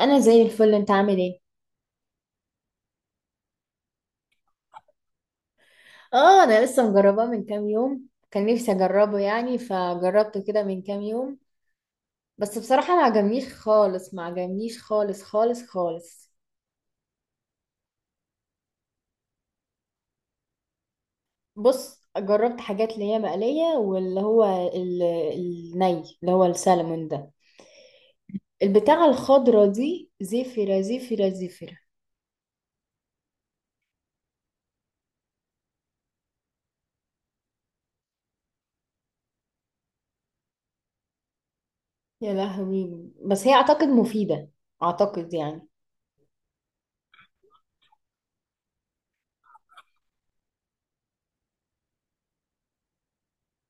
انا زي الفل. انت عامل ايه؟ اه، انا لسه مجرباه من كام يوم، كان نفسي اجربه فجربته كده من كام يوم. بس بصراحة ما عجبنيش خالص، ما عجبنيش خالص خالص خالص. بص، جربت حاجات اللي هي مقلية واللي هو ال- الني، اللي هو السلمون ده، البتاعة الخضرة دي، زفرة زفرة زفرة. يا لهوي، بس هي اعتقد مفيدة، اعتقد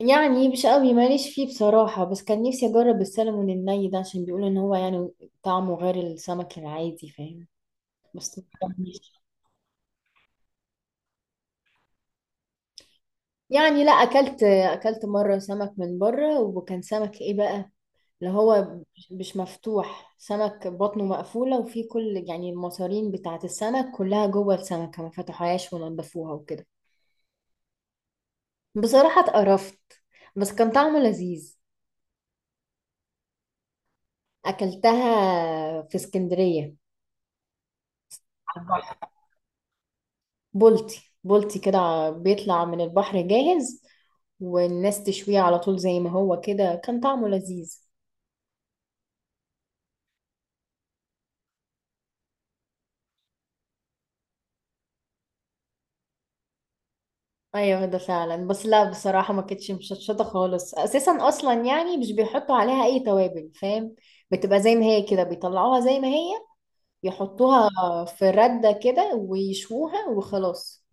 يعني مش قوي ماليش فيه بصراحة. بس كان نفسي أجرب السلمون الني ده عشان بيقولوا إن هو طعمه غير السمك العادي، فاهم؟ بس مجربتش. يعني لا، أكلت، أكلت مرة سمك من بره، وكان سمك إيه بقى، اللي هو مش مفتوح، سمك بطنه مقفولة وفيه كل المصارين بتاعة السمك كلها جوه السمكة، ما فتحوهاش ونضفوها وكده. بصراحة اتقرفت، بس كان طعمه لذيذ. أكلتها في اسكندرية. بولتي بولتي كده، بيطلع من البحر جاهز والناس تشويه على طول زي ما هو كده، كان طعمه لذيذ. ايوه ده فعلا، بس لا بصراحة ما كانتش مشطشطة خالص اساسا، اصلا يعني مش بيحطوا عليها اي توابل، فاهم؟ بتبقى زي ما هي كده، بيطلعوها زي ما هي، يحطوها في ردة كده ويشوها وخلاص.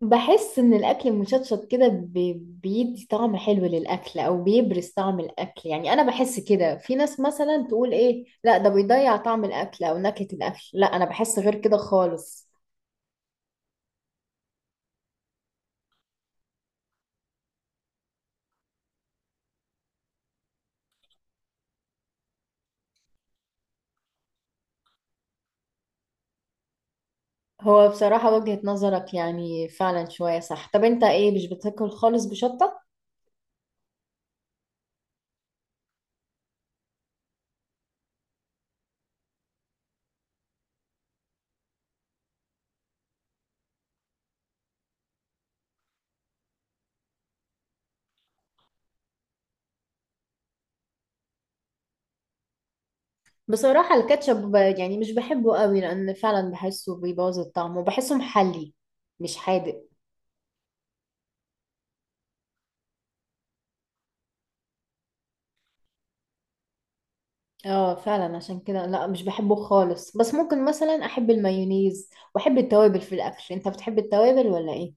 بحس ان الاكل المشطشط كده بيدي طعم حلو للاكل، او بيبرز طعم الاكل. يعني انا بحس كده. في ناس مثلا تقول ايه، لا ده بيضيع طعم الاكل او نكهة الاكل، لا انا بحس غير كده خالص. هو بصراحة وجهة نظرك يعني فعلا شوية صح. طب انت ايه، مش بتاكل خالص بشطة؟ بصراحة الكاتشب يعني مش بحبه قوي، لان فعلا بحسه بيبوظ الطعم وبحسه محلي، مش حادق. اه فعلا، عشان كده لا مش بحبه خالص، بس ممكن مثلا احب المايونيز واحب التوابل في الاكل. انت بتحب التوابل ولا ايه؟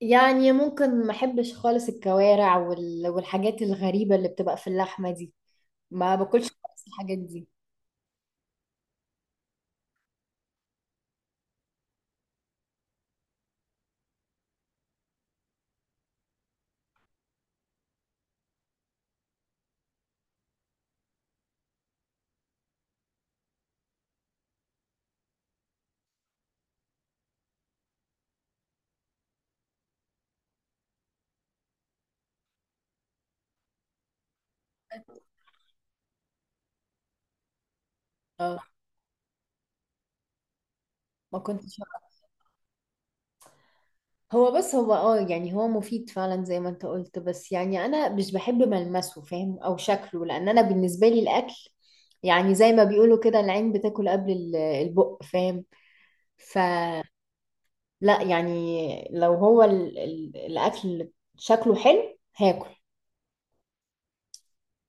يعني ممكن ما احبش خالص الكوارع والحاجات الغريبة اللي بتبقى في اللحمة دي، ما باكلش خالص الحاجات دي. اه، ما كنتش. هو بس هو اه، يعني هو مفيد فعلا زي ما انت قلت، بس يعني انا مش بحب ملمسه، فاهم؟ او شكله، لان انا بالنسبة لي الاكل يعني زي ما بيقولوا كده، العين بتاكل قبل البق، فاهم؟ ف لا يعني، لو هو الاكل شكله حلو هاكل.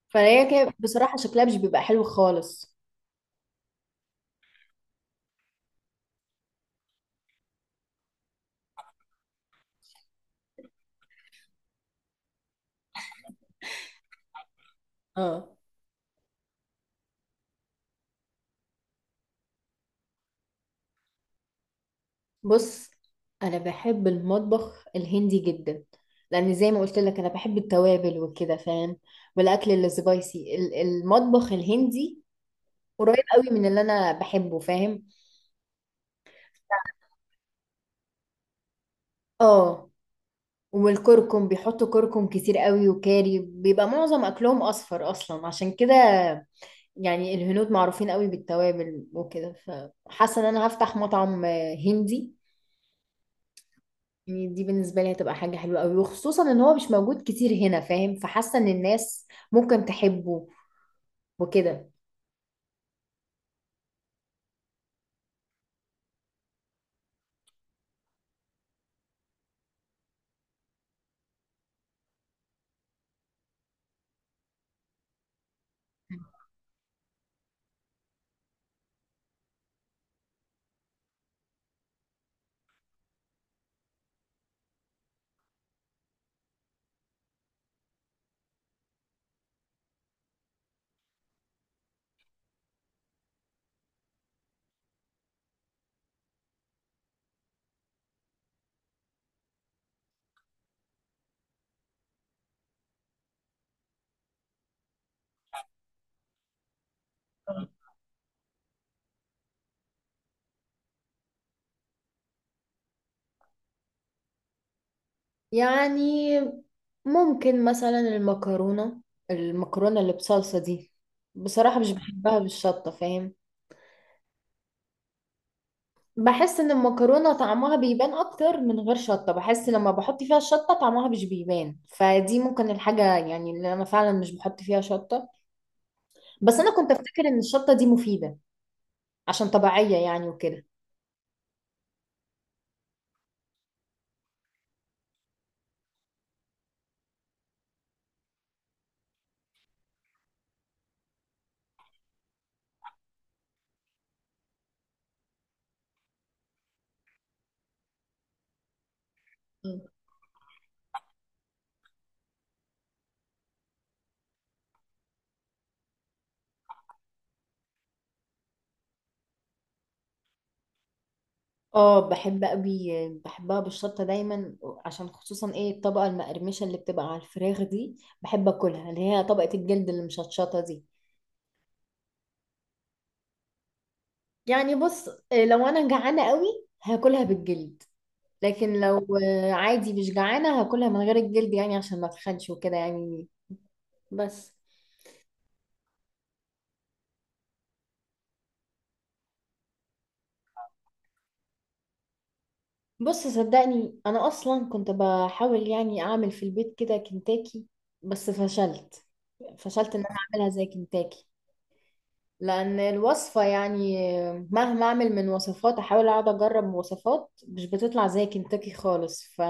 فهي كده بصراحة شكلها مش بيبقى حلو خالص. اه. بص، انا بحب المطبخ الهندي جدا، لان زي ما قلت لك انا بحب التوابل وكده، فاهم؟ والاكل السبايسي، المطبخ الهندي قريب قوي من اللي انا بحبه، فاهم؟ اه، والكركم، بيحطوا كركم كتير قوي وكاري، بيبقى معظم اكلهم اصفر اصلا عشان كده. يعني الهنود معروفين قوي بالتوابل وكده، فحاسه ان انا هفتح مطعم آه، هندي. يعني دي بالنسبه لي هتبقى حاجه حلوه قوي، وخصوصا ان هو مش موجود كتير هنا، فاهم؟ فحاسه ان الناس ممكن تحبه وكده. يعني ممكن مثلا المكرونه، اللي بصلصه دي، بصراحه مش بحبها بالشطه، فاهم؟ بحس ان المكرونه طعمها بيبان اكتر من غير شطه، بحس لما بحط فيها الشطه طعمها مش بيبان، فدي ممكن الحاجه يعني اللي انا فعلا مش بحط فيها شطه. بس انا كنت افتكر ان الشطه دي مفيده عشان طبيعيه يعني وكده. مم. اه بحب قوي، بحبها بالشطه دايما، عشان خصوصا ايه الطبقه المقرمشه اللي بتبقى على الفراخ دي، بحب اكلها، اللي هي طبقه الجلد اللي مشطشطه دي. يعني بص آه، لو انا جعانه قوي هاكلها بالجلد، لكن لو آه، عادي مش جعانة هاكلها من غير الجلد، يعني عشان ما اتخنش وكده يعني. بس. بص صدقني، انا اصلا كنت بحاول يعني اعمل في البيت كده كنتاكي، بس فشلت، فشلت ان انا اعملها زي كنتاكي. لان الوصفة يعني آه، مهما اعمل من وصفات، احاول اقعد اجرب وصفات مش بتطلع زي كنتاكي خالص.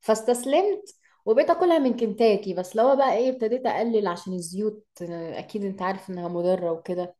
فاستسلمت، وبقيت اكلها من كنتاكي. بس لو بقى ايه، ابتديت اقلل عشان الزيوت آه، اكيد انت عارف انها مضرة وكده.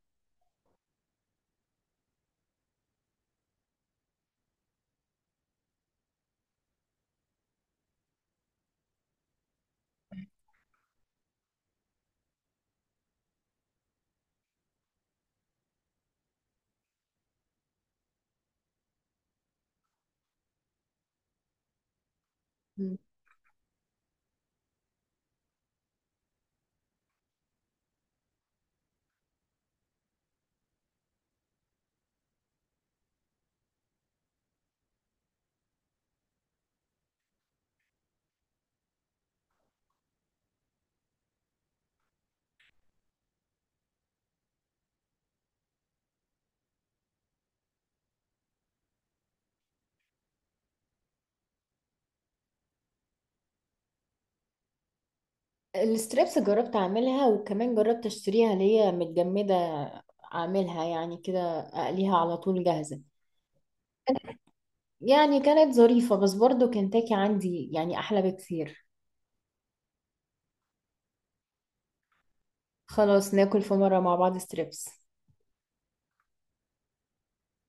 الستريبس جربت اعملها، وكمان جربت اشتريها اللي هي متجمدة، اعملها يعني كده اقليها على طول جاهزة. يعني كانت ظريفة، بس برضو كنتاكي عندي يعني احلى بكتير. خلاص ناكل في مرة مع بعض ستريبس